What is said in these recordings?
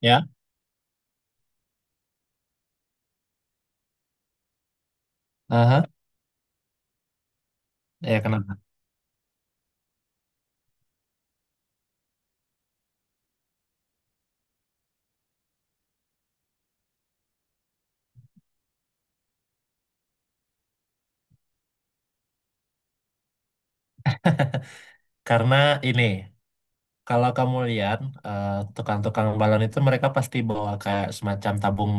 Ya. Aha, ya kenapa? Karena ini kalau kamu lihat eh, tukang-tukang balon itu mereka pasti bawa kayak semacam tabung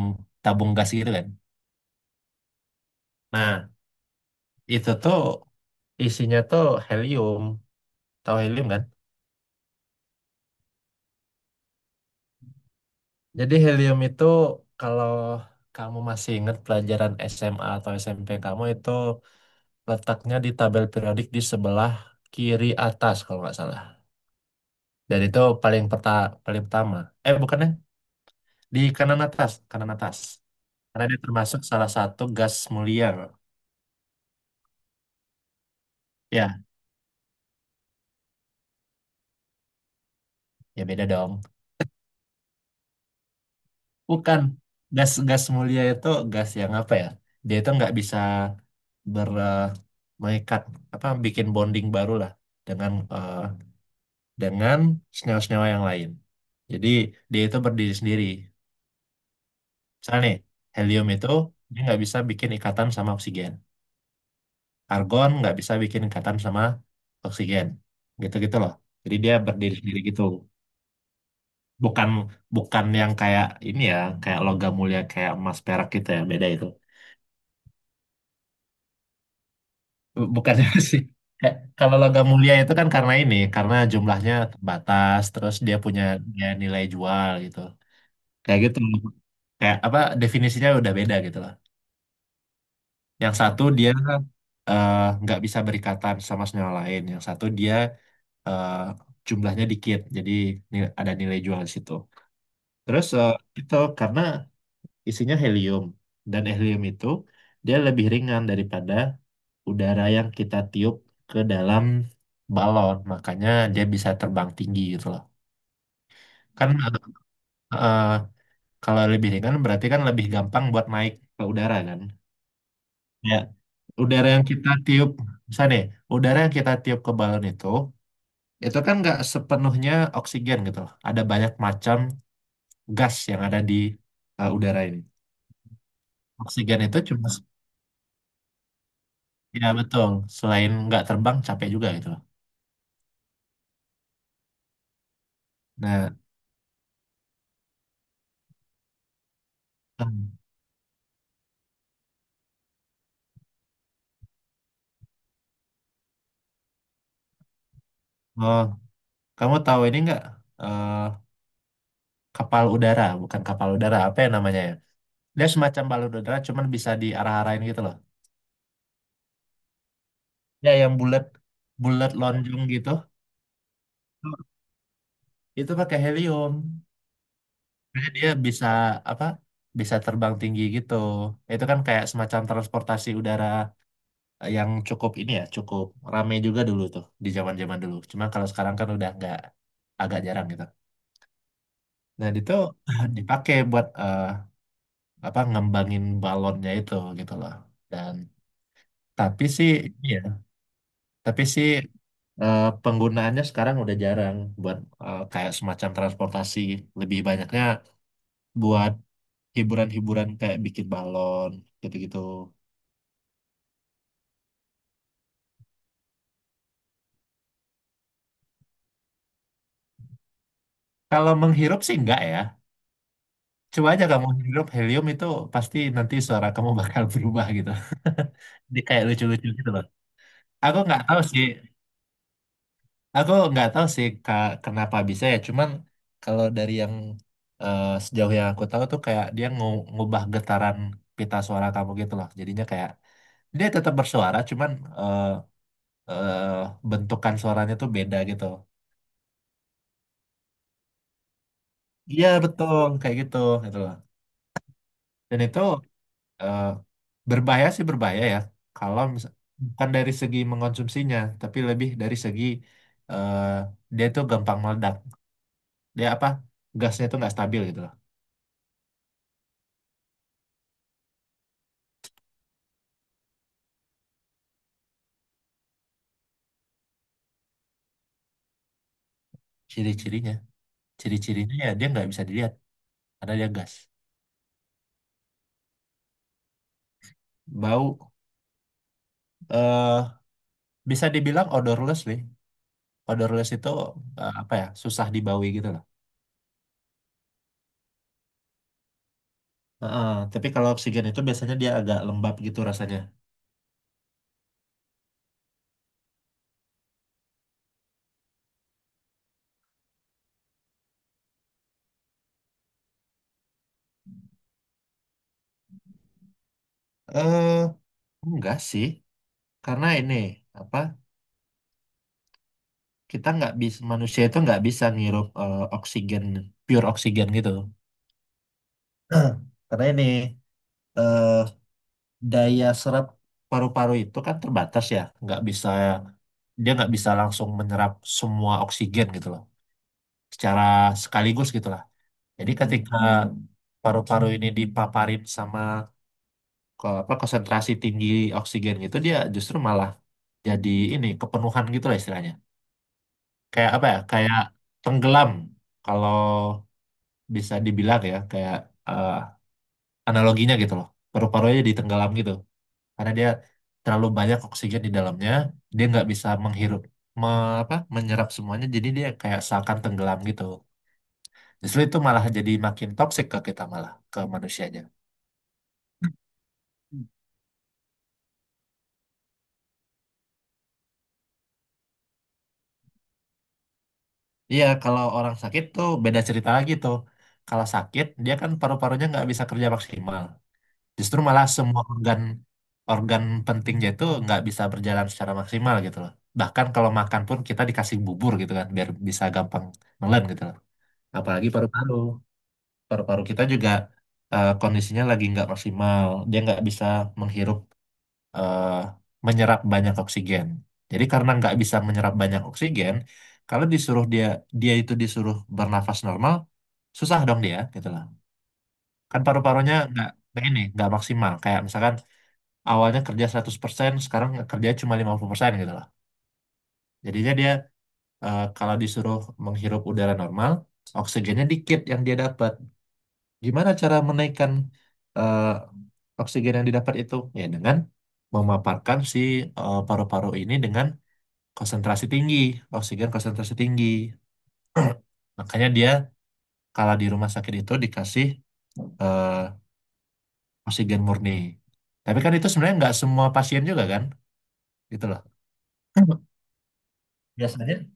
tabung gas gitu kan. Nah, itu tuh isinya tuh helium. Tahu helium kan? Jadi helium itu kalau kamu masih ingat pelajaran SMA atau SMP kamu, itu letaknya di tabel periodik di sebelah kiri atas kalau nggak salah. Dan itu paling paling pertama. Eh, bukannya di kanan atas, kanan atas. Karena dia termasuk salah satu gas mulia. Bro. Ya, ya beda dong. Bukan. Gas gas mulia itu gas yang apa ya? Dia itu nggak bisa ber eh, mengikat, apa bikin bonding baru lah dengan eh, dengan senyawa-senyawa yang lain. Jadi dia itu berdiri sendiri. Misalnya nih, helium itu dia nggak bisa bikin ikatan sama oksigen. Argon nggak bisa bikin ikatan sama oksigen. Gitu-gitu loh. Jadi dia berdiri sendiri gitu. Bukan bukan yang kayak ini ya, kayak logam mulia kayak emas perak gitu, ya beda itu. Bukan sih. Kalau logam mulia itu kan karena ini karena jumlahnya terbatas, terus dia nilai jual gitu, kayak gitu, kayak apa definisinya udah beda gitu lah. Yang satu dia eh, nggak bisa berikatan sama senyawa lain, yang satu dia eh, jumlahnya dikit jadi ada nilai jual di situ. Terus itu karena isinya helium, dan helium itu dia lebih ringan daripada udara yang kita tiup ke dalam balon, makanya dia bisa terbang tinggi gitu loh. Kan eh, kalau lebih ringan berarti kan lebih gampang buat naik ke udara kan. Ya, udara yang kita tiup, misalnya nih, udara yang kita tiup ke balon itu kan nggak sepenuhnya oksigen gitu loh. Ada banyak macam gas yang ada di udara ini. Oksigen itu cuma. Ya betul, selain nggak terbang, capek juga gitu. Nah, em, oh, kamu tahu ini nggak, eh, kapal udara, bukan kapal udara, apa ya namanya ya? Dia semacam balon udara, cuman bisa diarah-arahin gitu loh. Ya, yang bulat, bulat lonjong gitu. Itu pakai helium. Jadi dia bisa apa? Bisa terbang tinggi gitu. Itu kan kayak semacam transportasi udara yang cukup ini ya, cukup rame juga dulu tuh di zaman-zaman dulu. Cuma kalau sekarang kan udah nggak, agak jarang gitu. Nah, itu dipakai buat apa, ngembangin balonnya itu gitu loh. Dan tapi sih iya, tapi sih penggunaannya sekarang udah jarang buat kayak semacam transportasi, lebih banyaknya buat hiburan-hiburan kayak bikin balon gitu-gitu. Kalau menghirup sih enggak ya. Coba aja kamu hirup helium itu, pasti nanti suara kamu bakal berubah gitu. Jadi kayak lucu-lucu gitu loh. Aku nggak tahu sih Aku nggak tahu sih Kak, kenapa bisa ya. Cuman kalau dari yang sejauh yang aku tahu tuh, kayak dia ngubah getaran pita suara kamu gitu loh. Jadinya kayak dia tetap bersuara, cuman eh, eh, bentukan suaranya tuh beda gitu. Iya betul kayak gitu, gitu loh. Dan itu eh, berbahaya sih berbahaya ya. Kalau bukan dari segi mengkonsumsinya, tapi lebih dari segi eh, dia tuh gampang meledak. Dia apa, gasnya tuh nggak stabil gitu loh. Ciri-cirinya. Ciri-cirinya ya dia nggak bisa dilihat karena dia gas. Bau eh bisa dibilang odorless nih. Odorless itu apa ya? Susah dibawi gitu loh. Heeh, tapi kalau oksigen itu biasanya dia agak lembab gitu rasanya. Eh enggak sih, karena ini apa? Kita nggak bisa manusia itu nggak bisa ngirup oksigen, pure oksigen gitu. Karena ini eh daya serap paru-paru itu kan terbatas ya, nggak bisa dia nggak bisa langsung menyerap semua oksigen gitu loh, secara sekaligus gitulah. Jadi ketika paru-paru ini dipaparin sama apa konsentrasi tinggi oksigen gitu, dia justru malah jadi ini kepenuhan gitu lah istilahnya. Kayak apa ya? Kayak tenggelam kalau bisa dibilang, ya kayak eh, analoginya gitu loh. Paru-parunya jadi tenggelam gitu karena dia terlalu banyak oksigen di dalamnya, dia nggak bisa menghirup, me- apa, menyerap semuanya, jadi dia kayak seakan tenggelam gitu. Justru itu malah jadi makin toksik ke kita malah, ke manusianya. Hmm. Iya, kalau orang sakit tuh beda cerita lagi tuh. Kalau sakit, dia kan paru-parunya nggak bisa kerja maksimal. Justru malah semua organ organ pentingnya itu nggak bisa berjalan secara maksimal gitu loh. Bahkan kalau makan pun kita dikasih bubur gitu kan, biar bisa gampang nelen gitu loh. Apalagi paru-paru. Paru-paru kita juga kondisinya lagi nggak maksimal. Dia nggak bisa menghirup, eh, menyerap banyak oksigen. Jadi karena nggak bisa menyerap banyak oksigen, kalau disuruh dia dia itu disuruh bernafas normal, susah dong dia gitu loh. Kan paru-parunya nggak nggak maksimal. Kayak misalkan awalnya kerja 100%, sekarang kerja cuma 50% gitu loh. Jadinya dia kalau disuruh menghirup udara normal, oksigennya dikit yang dia dapat. Gimana cara menaikkan eh, oksigen yang didapat itu? Ya dengan memaparkan si paru-paru ini dengan konsentrasi tinggi, oksigen konsentrasi tinggi. Makanya dia kalau di rumah sakit itu dikasih eh, oksigen murni. Tapi kan itu sebenarnya nggak semua pasien juga kan, gitu loh. Biasanya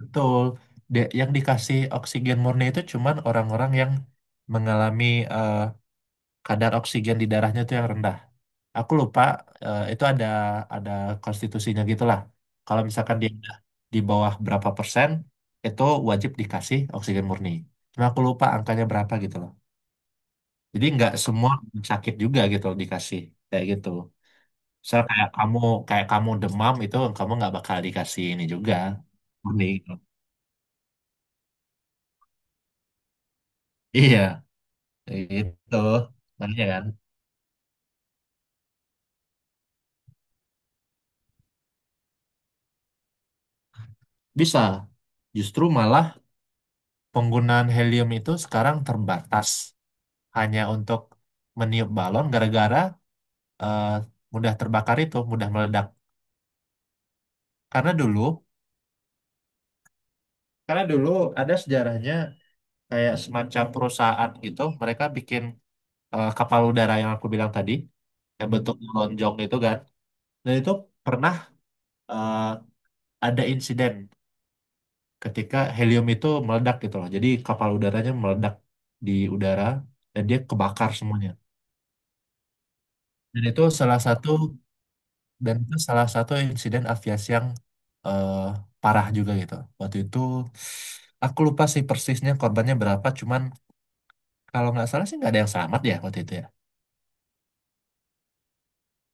betul. Yang dikasih oksigen murni itu cuman orang-orang yang mengalami eh, kadar oksigen di darahnya itu yang rendah. Aku lupa itu ada konstitusinya gitulah. Kalau misalkan dia udah di bawah berapa persen, itu wajib dikasih oksigen murni. Cuma aku lupa angkanya berapa gitu loh. Jadi nggak semua orang sakit juga gitu loh dikasih kayak gitu. Misal kayak kamu demam, itu kamu nggak bakal dikasih ini juga, murni gitu. Iya, itu makanya kan bisa. Justru malah penggunaan helium itu sekarang terbatas hanya untuk meniup balon gara-gara eh, mudah terbakar itu, mudah meledak. Karena dulu, karena dulu, ada sejarahnya, kayak semacam perusahaan gitu, mereka bikin kapal udara yang aku bilang tadi, yang bentuk lonjong itu kan. Dan itu pernah eh, ada insiden ketika helium itu meledak gitu loh. Jadi kapal udaranya meledak di udara dan dia kebakar semuanya. Dan itu salah satu Dan itu salah satu insiden aviasi yang eh, parah juga gitu. Waktu itu aku lupa sih persisnya korbannya berapa, cuman kalau nggak salah sih nggak ada yang selamat ya waktu itu ya.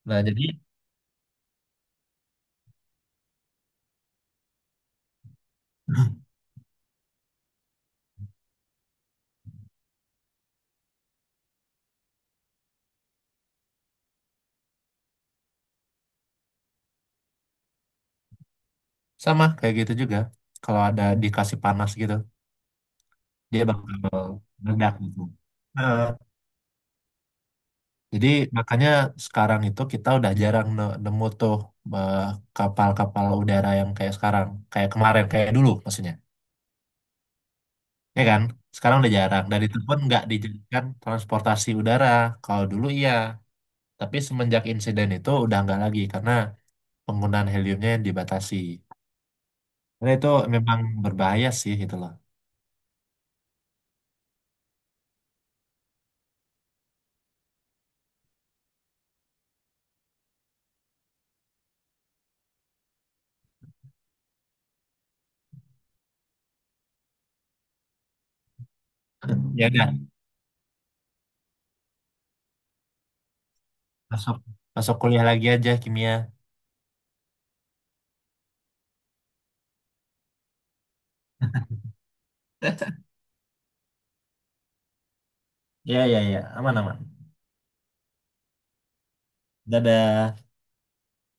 Nah jadi sama kayak gitu juga. Kalau ada dikasih panas gitu, dia bakal meledak gitu. Nah, jadi makanya sekarang itu kita udah jarang nemu tuh eh, kapal-kapal udara yang kayak sekarang, kayak kemarin, kayak dulu maksudnya. Ya kan? Sekarang udah jarang. Dan itu pun nggak dijadikan transportasi udara. Kalau dulu iya, tapi semenjak insiden itu udah nggak lagi karena penggunaan heliumnya dibatasi. Karena itu memang berbahaya sih gitu loh. Ya udah, masuk masuk kuliah lagi aja kimia. Ya, ya, ya. Aman, aman. Dadah.